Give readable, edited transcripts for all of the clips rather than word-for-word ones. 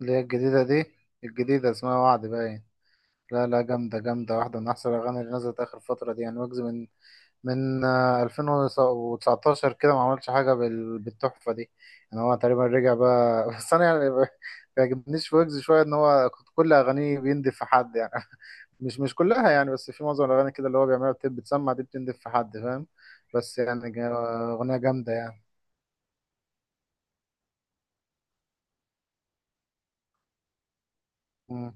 اللي هي الجديدة دي. الجديدة اسمها وعد باين. لا لا، جامدة جامدة، واحدة من أحسن الأغاني اللي نزلت آخر فترة دي يعني. ويجز من 2019 كده ما عملش حاجة بالتحفة دي. يعني هو تقريبا رجع بقى بس أنا يعني ما بيعجبنيش في ويجز شوية إن هو كل أغانيه بيندف في حد يعني مش كلها يعني، بس في معظم الأغاني كده اللي هو بيعملها بتسمع دي بتندف في حد، فاهم؟ بس يعني أغنية جامدة يعني. مم.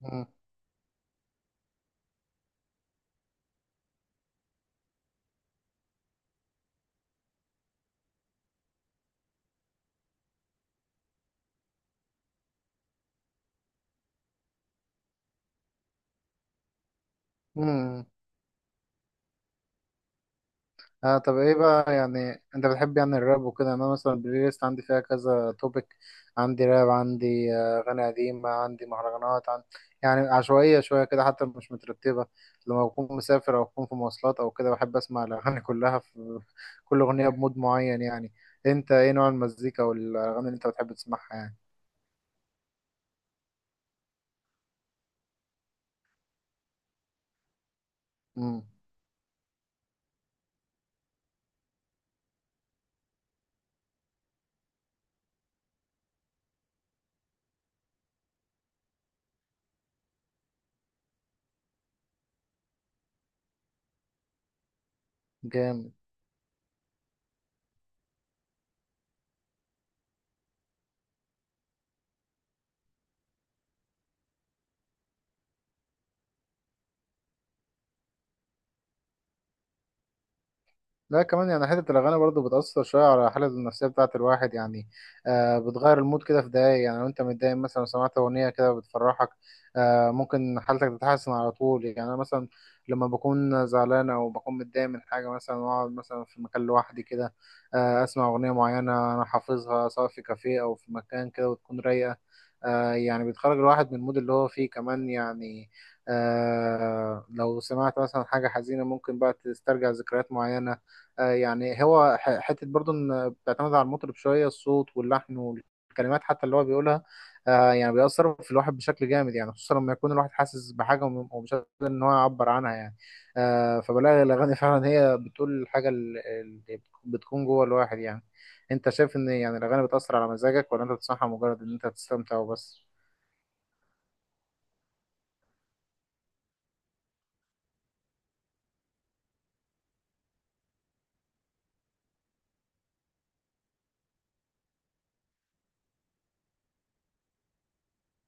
مم. مم. اه طب ايه بقى يعني؟ انت بتحب يعني الراب وكده؟ يعني انا مثلا البلاي ليست عندي فيها كذا توبيك. عندي راب، عندي اغاني قديمه، عندي مهرجانات يعني عشوائيه شويه كده، حتى مش مترتبه. لما بكون مسافر او بكون في مواصلات او كده بحب اسمع الاغاني كلها. في كل اغنيه بمود معين يعني. انت ايه نوع المزيكا والاغاني اللي انت بتحب تسمعها يعني؟ امم. جامد. لا كمان يعني حتة الأغاني برضه بتأثر شوية على الحالة النفسية بتاعة الواحد يعني. بتغير المود كده في دقايق يعني. لو أنت متضايق مثلا سمعت أغنية كده بتفرحك، ممكن حالتك تتحسن على طول يعني. أنا مثلا لما بكون زعلان أو بكون متضايق من حاجة مثلا، وأقعد مثلا في مكان لوحدي كده، أسمع أغنية معينة أنا حافظها، سواء في كافيه أو في مكان كده، وتكون رايقة. يعني بتخرج الواحد من المود اللي هو فيه كمان يعني. لو سمعت مثلا حاجة حزينة ممكن بقى تسترجع ذكريات معينة. يعني هو حتة برضه إن بتعتمد على المطرب شوية، الصوت واللحن والكلمات حتى اللي هو بيقولها. يعني بيأثر في الواحد بشكل جامد يعني، خصوصا لما يكون الواحد حاسس بحاجة ومش قادر إن هو يعبر عنها يعني. فبلاقي الأغاني فعلا هي بتقول الحاجة اللي بتكون جوه الواحد يعني. أنت شايف إن يعني الأغاني بتأثر على مزاجك، ولا أنت بتسمعها مجرد إن أنت تستمتع وبس؟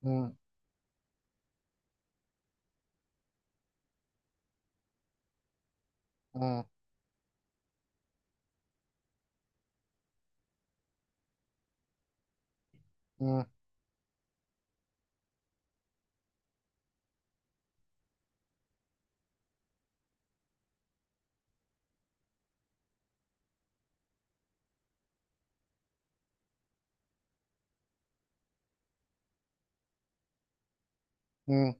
مم. مم. مم. مم.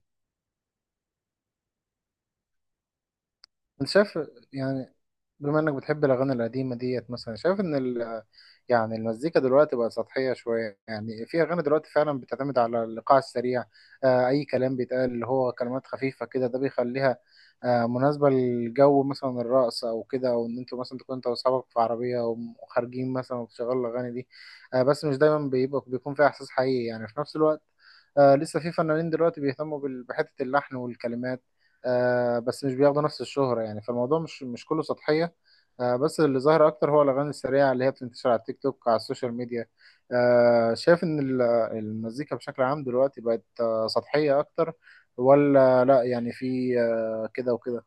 انت شايف يعني، بما انك بتحب الاغاني القديمه ديت مثلا، شايف ان يعني المزيكا دلوقتي بقى سطحيه شويه؟ يعني في اغاني دلوقتي فعلا بتعتمد على الايقاع السريع، اي كلام بيتقال، اللي هو كلمات خفيفه كده. ده بيخليها مناسبه للجو مثلا الرقص او كده، او ان انتوا مثلا تكون انت واصحابك في عربيه وخارجين مثلا وبتشغلوا الاغاني دي. بس مش دايما بيبقى بيكون فيها احساس حقيقي يعني في نفس الوقت. لسه في فنانين دلوقتي بيهتموا بحته اللحن والكلمات، بس مش بياخدوا نفس الشهرة يعني. فالموضوع مش كله سطحية، بس اللي ظاهر أكتر هو الأغاني السريعة اللي هي بتنتشر على التيك توك، على السوشيال ميديا. شايف إن المزيكا بشكل عام دلوقتي بقت سطحية أكتر، ولا لأ؟ يعني في كده وكده.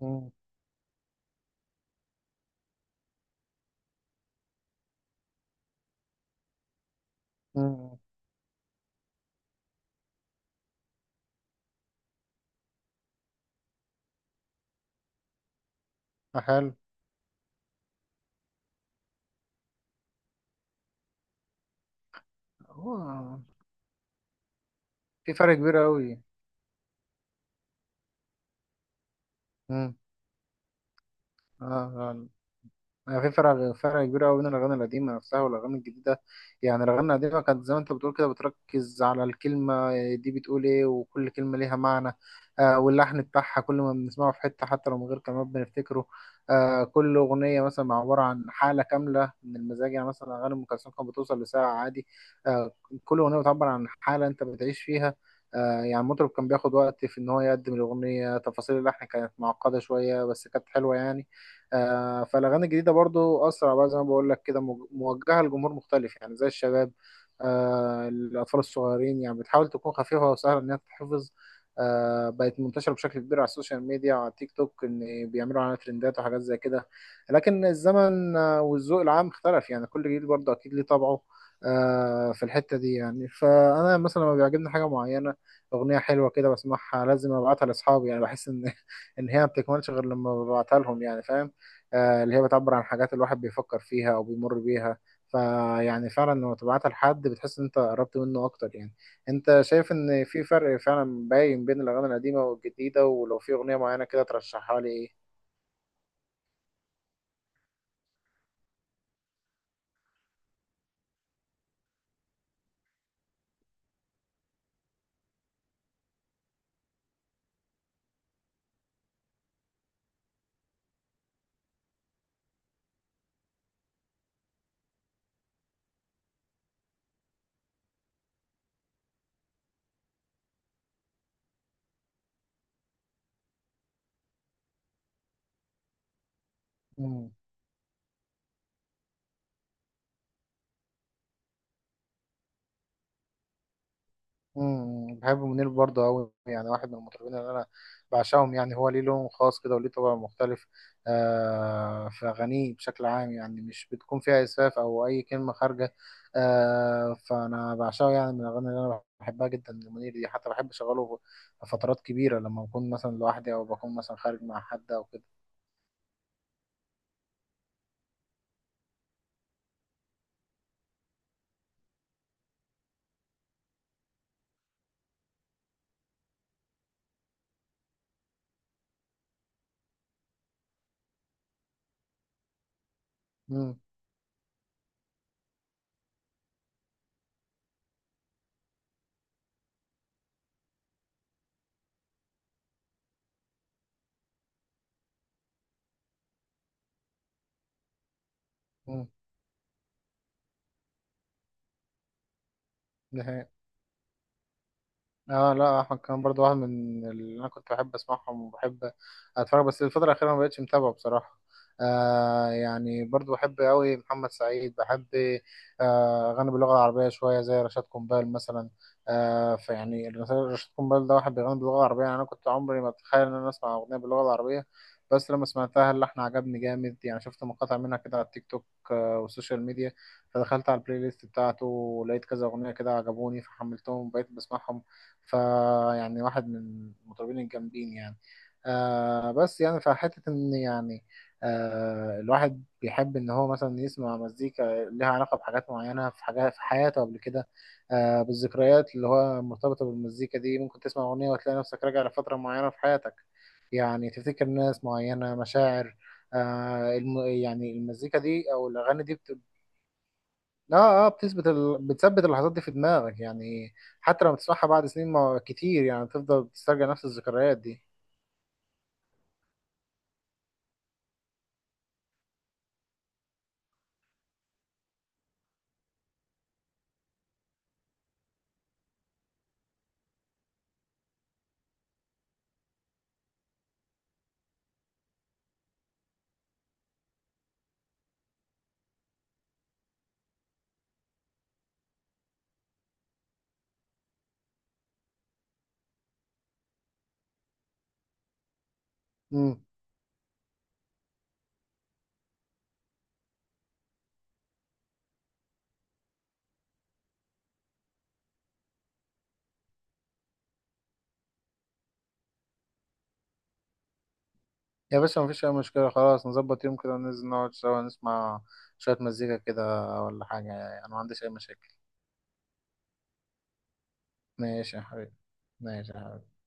مم. مم. حلو. هو في فرق كبير أوي. مم. آه. يعني في فرق كبير قوي بين الاغاني القديمه نفسها والاغاني الجديده. يعني الاغاني القديمه كانت زي ما انت بتقول كده، بتركز على الكلمه دي بتقول ايه، وكل كلمه ليها معنى. واللحن بتاعها كل ما بنسمعه في حته، حتى لو من غير كلمات بنفتكره. كل اغنيه مثلا عباره عن حاله كامله من المزاج يعني. مثلا اغاني ام كلثوم كانت بتوصل لساعه عادي. آه كل اغنيه بتعبر عن حاله انت بتعيش فيها. آه. يعني المطرب كان بياخد وقت في ان هو يقدم الاغنيه، تفاصيل اللحن كانت معقده شويه بس كانت حلوه يعني. فالاغاني الجديده برضو اسرع بقى، زي ما بقول لك كده، موجهه لجمهور مختلف يعني زي الشباب، الاطفال الصغيرين يعني، بتحاول تكون خفيفه وسهله ان هي تتحفظ. بقت منتشره بشكل كبير على السوشيال ميديا وعلى تيك توك، ان بيعملوا عليها ترندات وحاجات زي كده. لكن الزمن والذوق العام اختلف يعني، كل جيل برضه اكيد ليه طبعه في الحته دي يعني. فانا مثلا لما بيعجبني حاجه معينه، اغنيه حلوه كده بسمعها، لازم ابعتها لاصحابي يعني. بحس ان ان هي ما بتكملش غير لما ببعتها لهم يعني، فاهم؟ اللي هي بتعبر عن حاجات الواحد بيفكر فيها او بيمر بيها. فيعني فعلا لما تبعتها لحد بتحس ان انت قربت منه اكتر يعني. انت شايف ان في فرق فعلا باين بين الاغاني القديمه والجديده؟ ولو في اغنيه معينه كده ترشحها لي؟ ايه. امم. بحب منير برضه قوي يعني، واحد من المطربين اللي انا بعشقهم يعني. هو ليه لون خاص كده وليه طبع مختلف. في اغانيه بشكل عام يعني مش بتكون فيها اسفاف او اي كلمه خارجه. فانا بعشقه يعني. من الاغاني اللي انا بحبها جدا لمنير دي، حتى بحب اشغله في فترات كبيره لما بكون مثلا لوحدي، او بكون مثلا خارج مع حد او كده. امم. امم. اه لا، احمد كان برضو واحد من اللي انا كنت بحب اسمعهم وبحب اتفرج، بس الفتره الاخيره ما بقتش متابعه بصراحه. يعني برضو بحب قوي محمد سعيد، بحب اغاني باللغه العربيه شويه زي رشاد قنبال مثلا. فيعني رشاد قنبال ده واحد بيغني باللغه العربيه يعني. انا كنت عمري ما اتخيل ان انا اسمع اغنيه باللغه العربيه، بس لما سمعتها اللحن عجبني جامد يعني. شفت مقاطع منها كده على التيك توك والسوشيال ميديا، فدخلت على البلاي ليست بتاعته ولقيت كذا اغنيه كده عجبوني، فحملتهم وبقيت بسمعهم. فيعني واحد من المطربين الجامدين يعني. بس يعني فحتة إن يعني الواحد بيحب إن هو مثلا يسمع مزيكا لها علاقة بحاجات معينة، في حاجات في حياته قبل كده، بالذكريات اللي هو مرتبطة بالمزيكا دي. ممكن تسمع أغنية وتلاقي نفسك راجع لفترة معينة في حياتك، يعني تفتكر ناس معينة، مشاعر يعني المزيكا دي أو الأغاني دي. اه اه، بتثبت بتثبت اللحظات دي في دماغك يعني. حتى لما تسمعها بعد سنين ما كتير يعني، تفضل تسترجع نفس الذكريات دي. امم. يا باشا، مفيش اي مشكلة. خلاص نظبط يوم كده وننزل نقعد سوا نسمع شوية مزيكا كده ولا حاجة يعني، انا ما عنديش اي مشاكل. ماشي يا حبيبي. ماشي يا حبيبي.